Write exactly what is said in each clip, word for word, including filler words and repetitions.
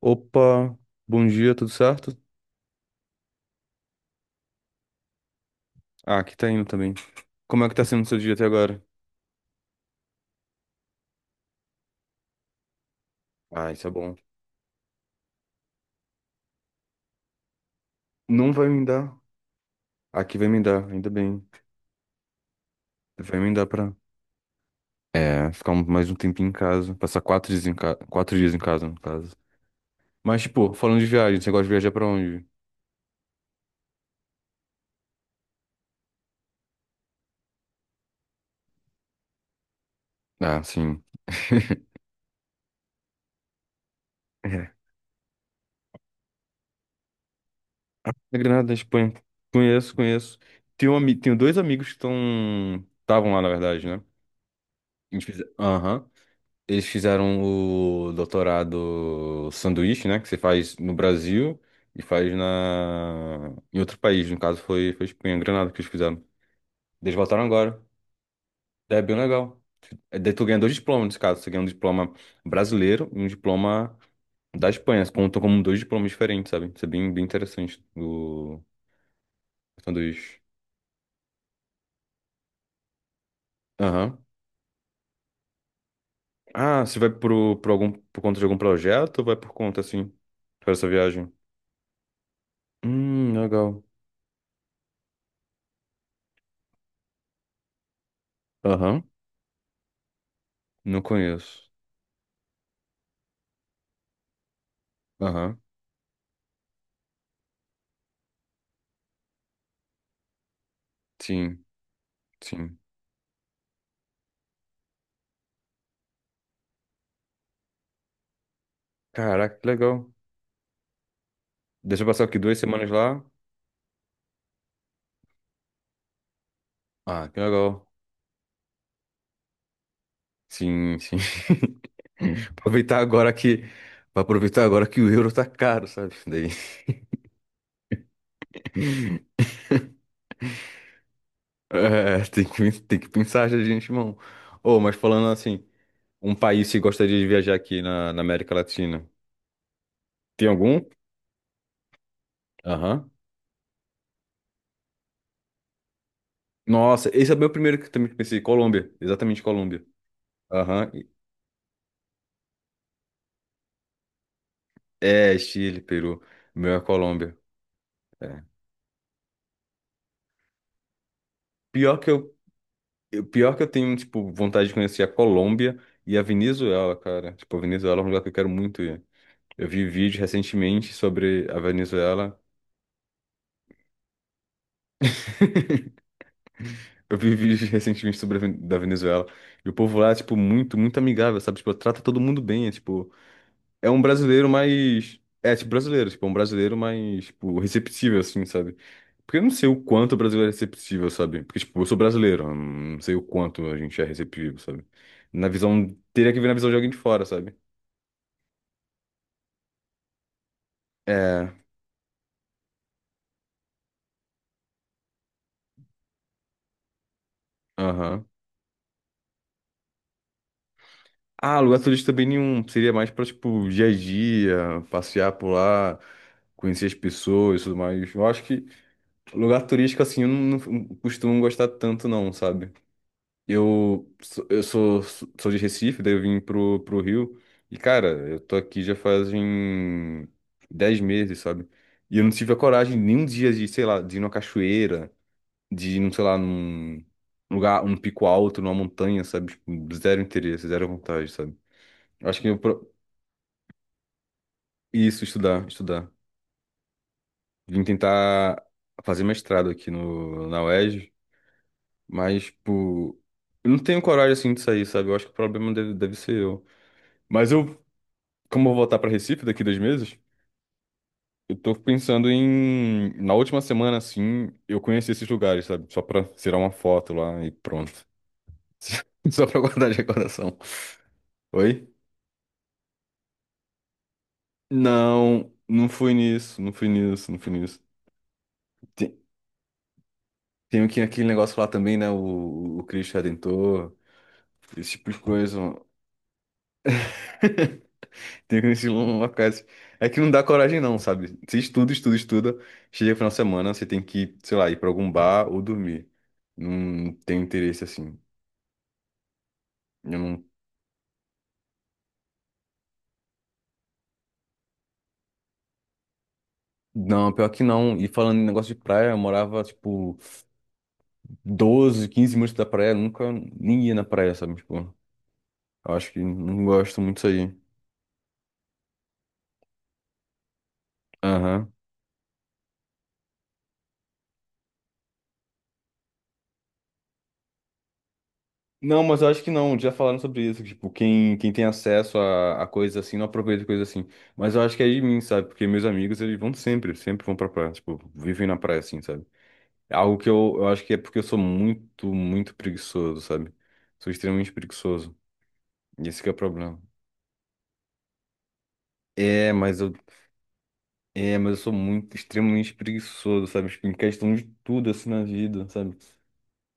Opa, bom dia, tudo certo? Ah, aqui tá indo também. Como é que tá sendo o seu dia até agora? Ah, isso é bom. Não vai me dar. Aqui vai me dar, ainda bem. Vai me dar pra, é, ficar um- mais um tempinho em casa. Passar quatro dias em casa, quatro dias em casa, no caso. Mas, tipo, falando de viagem, você gosta de viajar pra onde? Ah, sim. É. Na Granada, na Espanha. Conheço, conheço. Tenho, um ami- tenho dois amigos que estão... Estavam lá, na verdade, né? A gente fez- Aham. Eles fizeram o doutorado sanduíche, né? Que você faz no Brasil e faz na... em outro país. No caso, foi, foi Espanha, Granada que eles fizeram. Eles voltaram agora. É bem legal. É, daí tu ganha dois diplomas nesse caso. Você ganha um diploma brasileiro e um diploma da Espanha. Contam como dois diplomas diferentes, sabe? Isso é bem, bem interessante o o sanduíche. Aham. Ah, você vai pro, por algum, por conta de algum projeto ou vai por conta, assim, para essa viagem? Hum, legal. Aham. Não conheço. Aham, sim, sim. Caraca, que legal. Deixa eu passar aqui duas semanas lá. Ah, que legal. Sim, sim. Aproveitar agora que. Pra aproveitar agora que o euro tá caro, sabe? Daí. É, tem que, tem que pensar já de antemão. Ô, mas falando assim, um país que gostaria de viajar aqui na, na América Latina. Tem algum? Aham. Nossa, esse é meu primeiro que eu também pensei. Colômbia, exatamente Colômbia. Aham. É, Chile, Peru. O meu é Colômbia. É. Pior que eu Eu- Pior que eu tenho, tipo, vontade de conhecer a Colômbia e a Venezuela, cara. Tipo, a Venezuela é um lugar que eu quero muito ir. Eu vi vídeos recentemente sobre a Venezuela. Eu vi vídeos recentemente sobre a Ven- da Venezuela. E o povo lá é, tipo, muito, muito amigável, sabe? Tipo, trata todo mundo bem. É, tipo, é um brasileiro mais... É, tipo, brasileiro. Tipo, é um brasileiro mais, tipo, receptível, assim, sabe? Porque eu não sei o quanto o brasileiro é receptível, sabe? Porque, tipo, eu sou brasileiro. Eu Não sei o quanto a gente é receptivo, sabe? Na visão... Teria que ver na visão de alguém de fora, sabe? é Aham. Ah, lugar turístico também nenhum. Seria mais pra, tipo, dia a dia, passear por lá, conhecer as pessoas e tudo mais. Eu acho que lugar turístico, assim, eu não, não costumo gostar tanto, não, sabe? Eu, sou- eu sou, sou de Recife, daí eu vim pro, pro Rio. E, cara, eu tô aqui já fazem dez meses, sabe? E eu não tive a coragem nem um dia de, sei lá, de ir numa cachoeira, de ir, num, sei lá, num lugar, um pico alto, numa montanha, sabe? Tipo, zero interesse, zero vontade, sabe? Eu acho que eu pro- isso, estudar, estudar. Vim tentar fazer mestrado aqui no, na UERJ, mas, tipo, eu não tenho coragem, assim, de sair, sabe? Eu acho que o problema deve, deve ser eu. Mas eu, como eu vou voltar pra Recife daqui dois meses, eu tô pensando em, na última semana, assim, eu conhecer esses lugares, sabe? Só pra tirar uma foto lá e pronto. Só pra guardar de recordação. Oi? Não, não fui nisso, não fui nisso, não fui nisso. Tem, Tem aqui aquele negócio lá também, né? O, o Cristo Redentor. Esse tipo de coisa, mano. Tem que conhecer locais. É que não dá coragem, não, sabe? Você estuda, estuda, estuda. Chega no final de semana, você tem que, sei lá, ir pra algum bar ou dormir. Não tenho interesse assim. Eu não. Não, pior que não. E falando em negócio de praia, eu morava, tipo, doze quinze minutos da praia. Nunca nem ia na praia, sabe? Tipo, eu acho que não gosto muito disso aí. Aham. Não, mas eu acho que não, já falaram sobre isso, que, tipo, quem, quem tem acesso a, a coisas assim, não aproveita coisas assim. Mas eu acho que é de mim, sabe? Porque meus amigos, eles vão sempre, sempre vão pra praia, tipo, vivem na praia, assim, sabe? É algo que eu, eu acho que é porque eu sou muito, muito preguiçoso, sabe? Sou extremamente preguiçoso, e esse que é o problema. É, mas eu, é, mas eu sou muito, extremamente preguiçoso, sabe? Tipo, em questão de tudo, assim, na vida, sabe?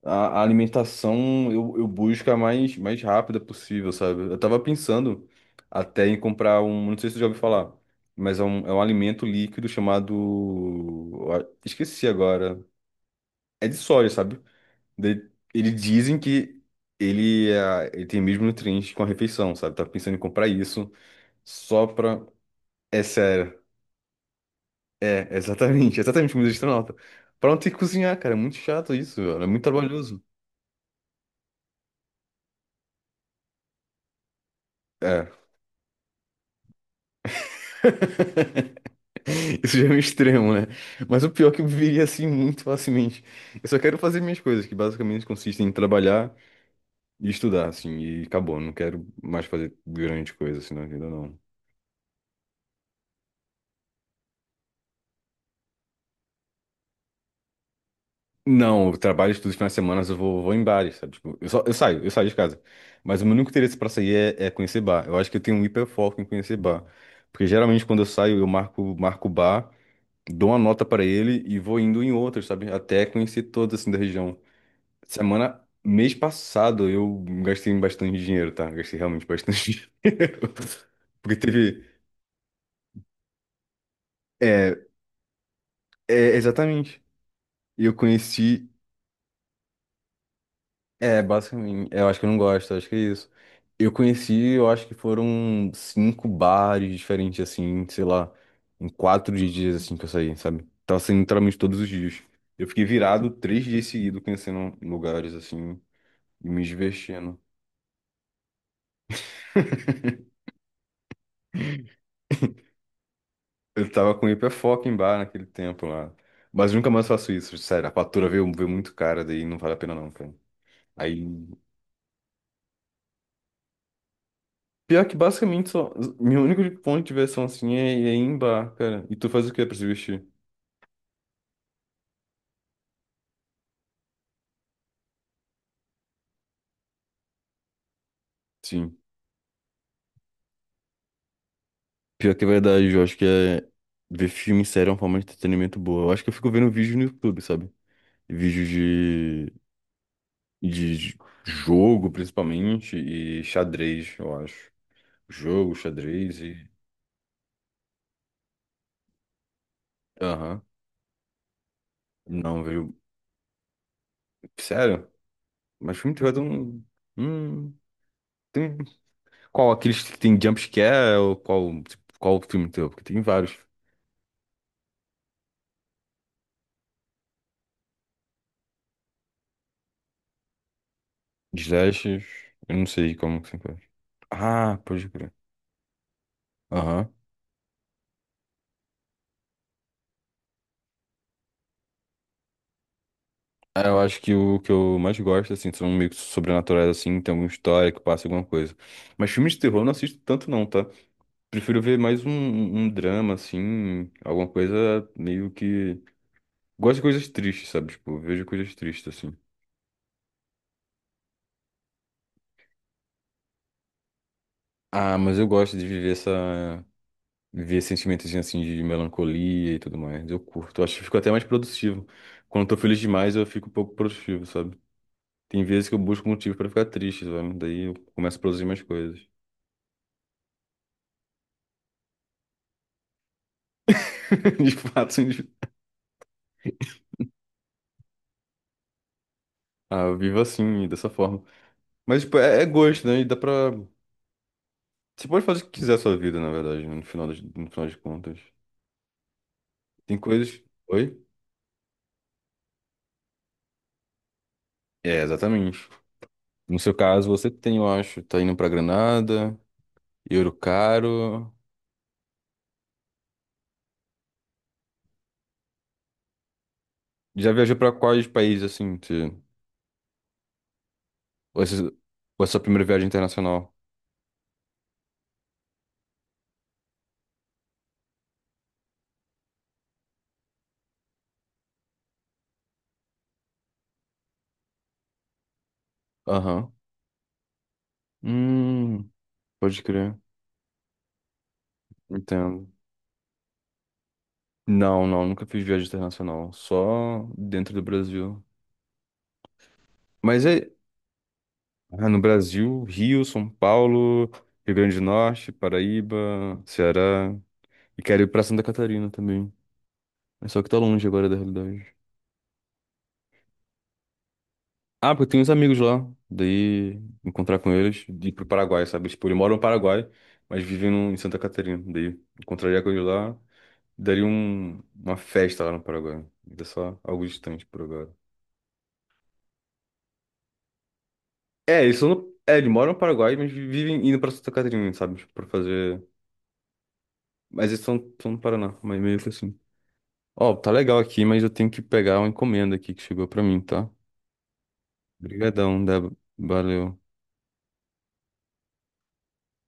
A, a alimentação eu, eu busco a mais, mais rápida possível, sabe? Eu tava pensando até em comprar um, não sei se você já ouviu falar, mas é um, é um alimento líquido chamado. Esqueci agora. É de soja, sabe? De- eles dizem que ele, é, ele tem mesmo nutrientes com a refeição, sabe? Tava pensando em comprar isso só pra. É sério. É, exatamente, exatamente como de astronauta. Pra não ter que cozinhar, cara. É muito chato isso, velho. É muito trabalhoso. É. Isso já é um extremo, né? Mas o pior é que eu viveria assim muito facilmente. Eu só quero fazer minhas coisas, que basicamente consistem em trabalhar e estudar, assim, e acabou. Não quero mais fazer grande coisa assim na vida, não. Não, eu trabalho, estudo os finais de semana, eu vou, vou em bares, sabe? Tipo, eu, só, eu saio, eu saio de casa. Mas o meu único interesse pra sair é, é conhecer bar. Eu acho que eu tenho um hiperfoco em conhecer bar. Porque geralmente quando eu saio, eu marco, marco bar, dou uma nota pra ele e vou indo em outros, sabe? Até conhecer todos, assim, da região. Semana, mês passado eu gastei bastante dinheiro, tá? Gastei realmente bastante dinheiro. Porque teve. É, É, exatamente. E eu conheci. É, basicamente. é, Eu acho que eu não gosto, eu acho que é isso. Eu conheci, eu acho que foram cinco bares diferentes, assim, sei lá, em quatro dias, assim, que eu saí, sabe? Tava saindo literalmente todos os dias. Eu fiquei virado três dias seguidos, conhecendo lugares, assim, e me divertindo. Eu tava com hiperfoco em bar naquele tempo lá. Mas nunca mais faço isso, sério. A fatura veio, veio muito cara, daí não vale a pena não, cara. Aí. Pior que basicamente só. Meu único ponto de diversão assim é, é ir em bar, cara. E tu faz o quê pra se vestir? Sim. Pior que é verdade, eu acho que é... ver filme e série é uma forma de entretenimento boa. Eu acho que eu fico vendo vídeo no YouTube, sabe? Vídeos de... de j- Jogo, principalmente, e xadrez, eu acho. Jogo, xadrez e. Aham. Não, vejo. Sério? Mas filme de terror tem um. Hum, tem. Qual? Aqueles que tem jumpscare? Ou qual, tipo, qual filme de terror? Porque tem vários. Slashers. Eu não sei como que se faz. Ah, pode crer. Aham. É, eu acho que o que eu mais gosto, assim, são meio que sobrenaturais, assim, tem alguma história que passa alguma coisa. Mas filmes de terror eu não assisto tanto, não, tá? Prefiro ver mais um, um drama, assim, alguma coisa meio que. Gosto de coisas tristes, sabe? Tipo, vejo coisas tristes, assim. Ah, mas eu gosto de viver essa. Ver sentimentos assim de melancolia e tudo mais. Eu curto, eu acho que fico até mais produtivo. Quando eu tô feliz demais, eu fico um pouco produtivo, sabe? Tem vezes que eu busco motivo pra ficar triste, sabe? Daí eu começo a produzir mais coisas. De fato, sim. de- ah, eu vivo assim, dessa forma. Mas, tipo, é, é gosto, né? E dá pra. Você pode fazer o que quiser a sua vida, na verdade, né? No final das, no final de contas. Tem coisas. Oi? É, exatamente. No seu caso, você tem, eu acho, tá indo pra Granada, euro caro. Já viajou pra quais países, assim? Ou esse- ou essa primeira viagem internacional? Aham. Hum, pode crer. Entendo. Não, não, nunca fiz viagem internacional. Só dentro do Brasil. Mas é ah, no Brasil, Rio, São Paulo, Rio Grande do Norte, Paraíba, Ceará. E quero ir pra Santa Catarina também. É só que tá longe agora da realidade. Ah, porque eu tenho uns amigos lá. Daí encontrar com eles e ir pro Paraguai, sabe? Tipo, eles moram no Paraguai, mas vivem no- em Santa Catarina. Daí encontraria com eles lá. Daria um, uma festa lá no Paraguai. Ainda só algo distante por agora. É, eles são no, é, eles moram no Paraguai, mas vivem indo pra Santa Catarina, sabe? Tipo, pra fazer. Mas eles estão no Paraná, mas meio que assim. Ó, tá legal aqui, mas eu tenho que pegar uma encomenda aqui que chegou pra mim, tá? Obrigadão, Débora. Valeu.